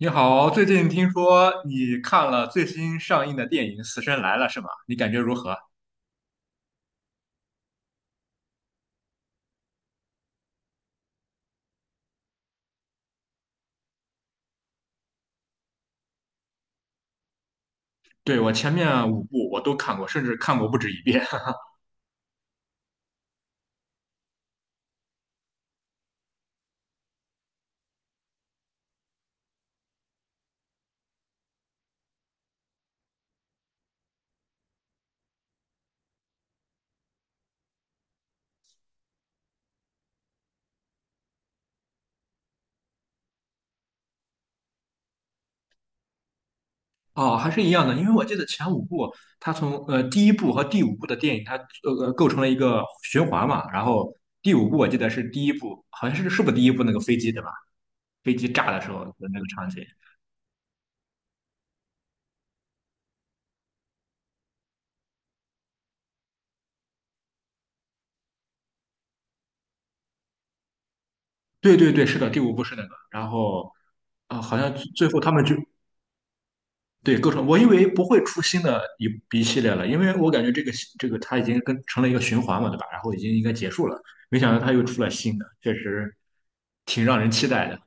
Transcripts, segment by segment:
你好，最近听说你看了最新上映的电影《死神来了》是吗？你感觉如何？对，我前面五部我都看过，甚至看过不止一遍。哦，还是一样的，因为我记得前五部，它从第一部和第五部的电影，它构成了一个循环嘛。然后第五部我记得是第一部，好像是不是第一部那个飞机对吧？飞机炸的时候的那个场景。对对对，是的，第五部是那个。然后好像最后他们就对，构成我以为不会出新的一系列了，因为我感觉这个它已经跟成了一个循环嘛，对吧？然后已经应该结束了，没想到它又出了新的，确实挺让人期待的。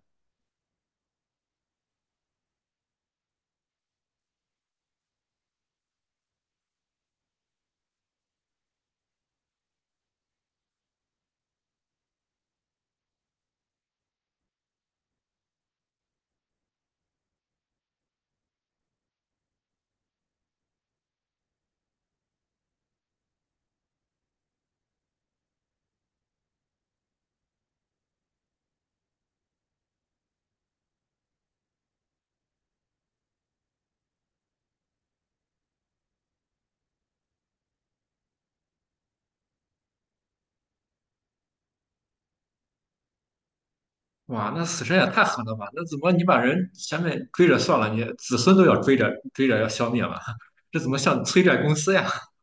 哇，那死神也太狠了吧！那怎么你把人前面追着算了，你子孙都要追着追着要消灭了，这怎么像催债公司呀？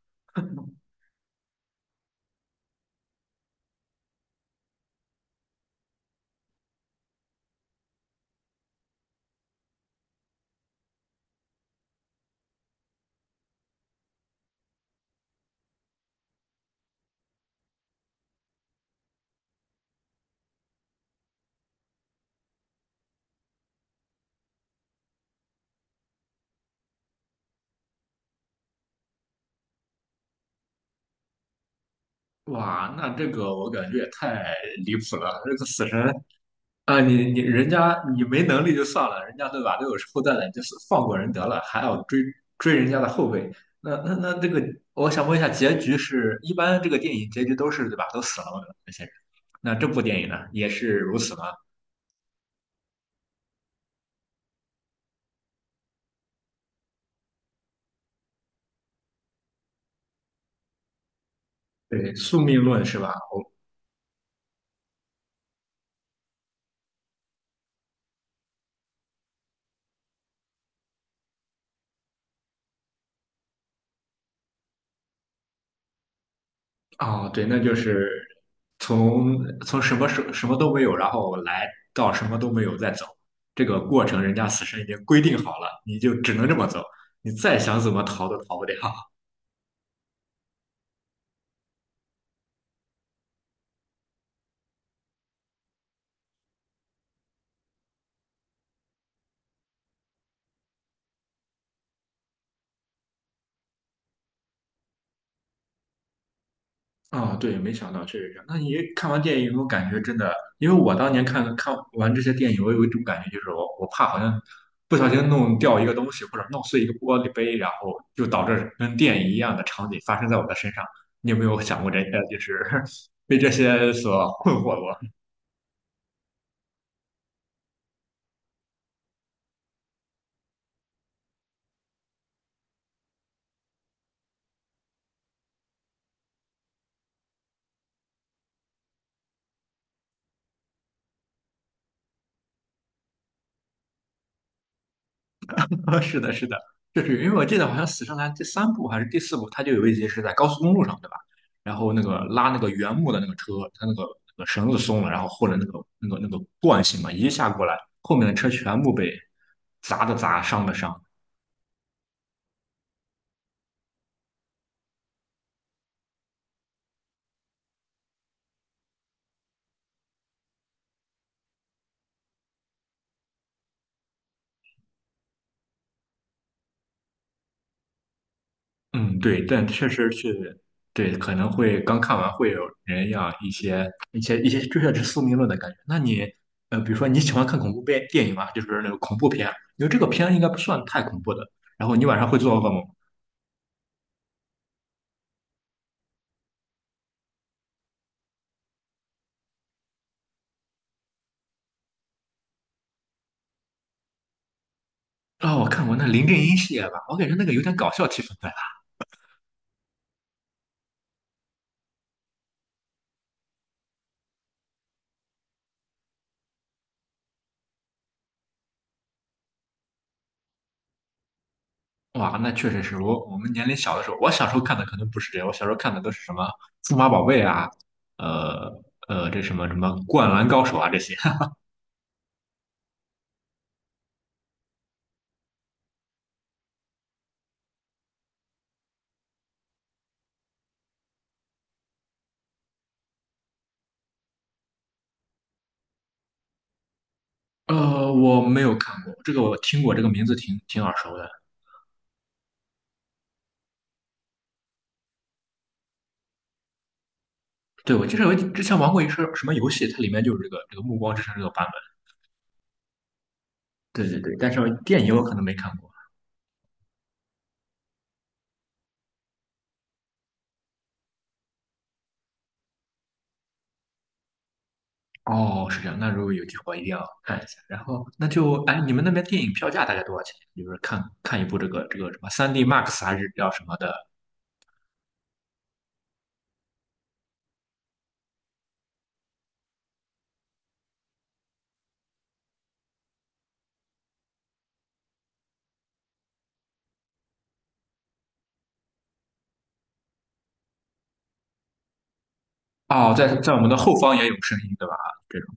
哇，那这个我感觉也太离谱了，这个死神啊，你人家你没能力就算了，人家对吧都有后代了，就是放过人得了，还要追人家的后辈，那这个，我想问一下，结局是一般这个电影结局都是对吧，都死了嘛那些人，那这部电影呢也是如此吗？对，宿命论是吧？哦，对，那就是从从什么什么都没有，然后来到什么都没有再走，这个过程人家死神已经规定好了，你就只能这么走，你再想怎么逃都逃不掉。对，没想到确实是这样。那你看完电影有没有感觉真的？因为我当年看完这些电影，我有一种感觉，就是我怕好像不小心弄掉一个东西，或者弄碎一个玻璃杯，然后就导致跟电影一样的场景发生在我的身上。你有没有想过这些？就是 被这些所困惑过？啊，是的，是的，就是因为我记得好像《死神来了第三部还是第四部，它就有一集是在高速公路上，对吧？然后那个拉那个原木的那个车，它那个绳子松了，然后或者那个惯性嘛，一下过来，后面的车全部被砸的砸，伤的伤。嗯，对，但确实是，对，可能会刚看完会有人要一些追下是宿命论的感觉。那你比如说你喜欢看恐怖片电影啊，就是那个恐怖片啊，因为这个片应该不算太恐怖的。然后你晚上会做噩梦吗？哦，我看过那林正英系列吧，我感觉那个有点搞笑气氛在那。哇，那确实是我们年龄小的时候，我小时候看的可能不是这样，我小时候看的都是什么数码宝贝啊，呃这什么什么灌篮高手啊这些。我没有看过，这个我听过，这个名字挺挺耳熟的。对，我记得我之前玩过一个什么游戏，它里面就是这个《暮光之城》这个版本。对对对，但是电影我可能没看过。哦，是这样。那如果有机会，一定要看一下。然后，那就哎，你们那边电影票价大概多少钱？就是看一部这个这个什么3D Max 还是叫什么的？哦，在我们的后方也有声音，对吧？这种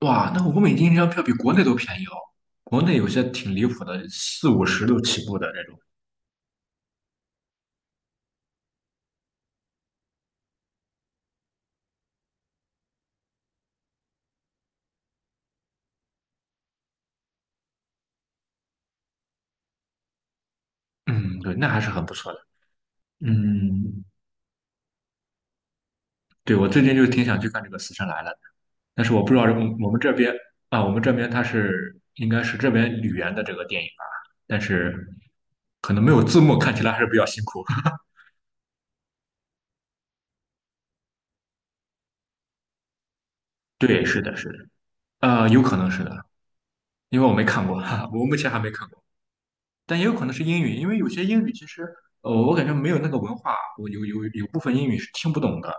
哇，那欧美金一张票比国内都便宜哦。国内有些挺离谱的，四五十都起步的这种。嗯，对，那还是很不错的。嗯，对，我最近就挺想去看这个《死神来了》，但是我不知道这我们这边啊，我们这边它是应该是这边语言的这个电影吧，但是可能没有字幕，看起来还是比较辛苦。对，是的，是的，有可能是的，因为我没看过，哈哈我目前还没看过，但也有可能是英语，因为有些英语其实，我感觉没有那个文化，我有部分英语是听不懂的。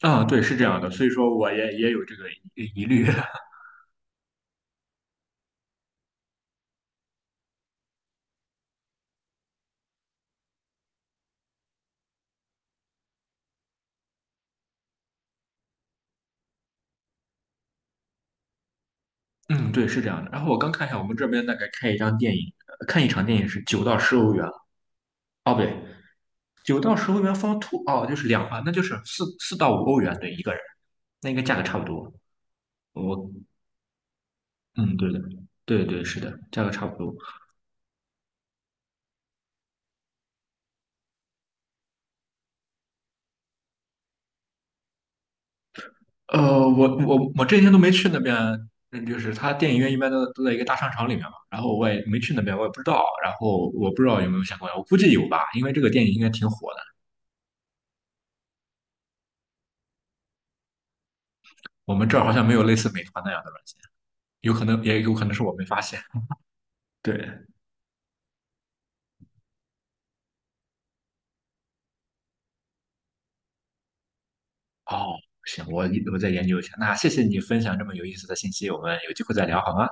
啊，对，是这样的，所以说我也有这个疑虑。嗯，对，是这样的。然后我刚看一下，我们这边大概看一场电影是九到十欧元。哦，不对，九到十欧元 f o two 哦，就是两啊，那就是四到五欧元对一个人，那应该价格差不多。我嗯,对的，对对是的，价格差不多。我这几天都没去那边，嗯就是他电影院一般都在一个大商场里面嘛，然后我也没去那边，我也不知道，然后我不知道有没有相关，我估计有吧，因为这个电影应该挺火的。我们这儿好像没有类似美团那样的软件，有可能也有可能是我没发现。对，哦，行，我再研究一下。那谢谢你分享这么有意思的信息，我们有机会再聊好吗？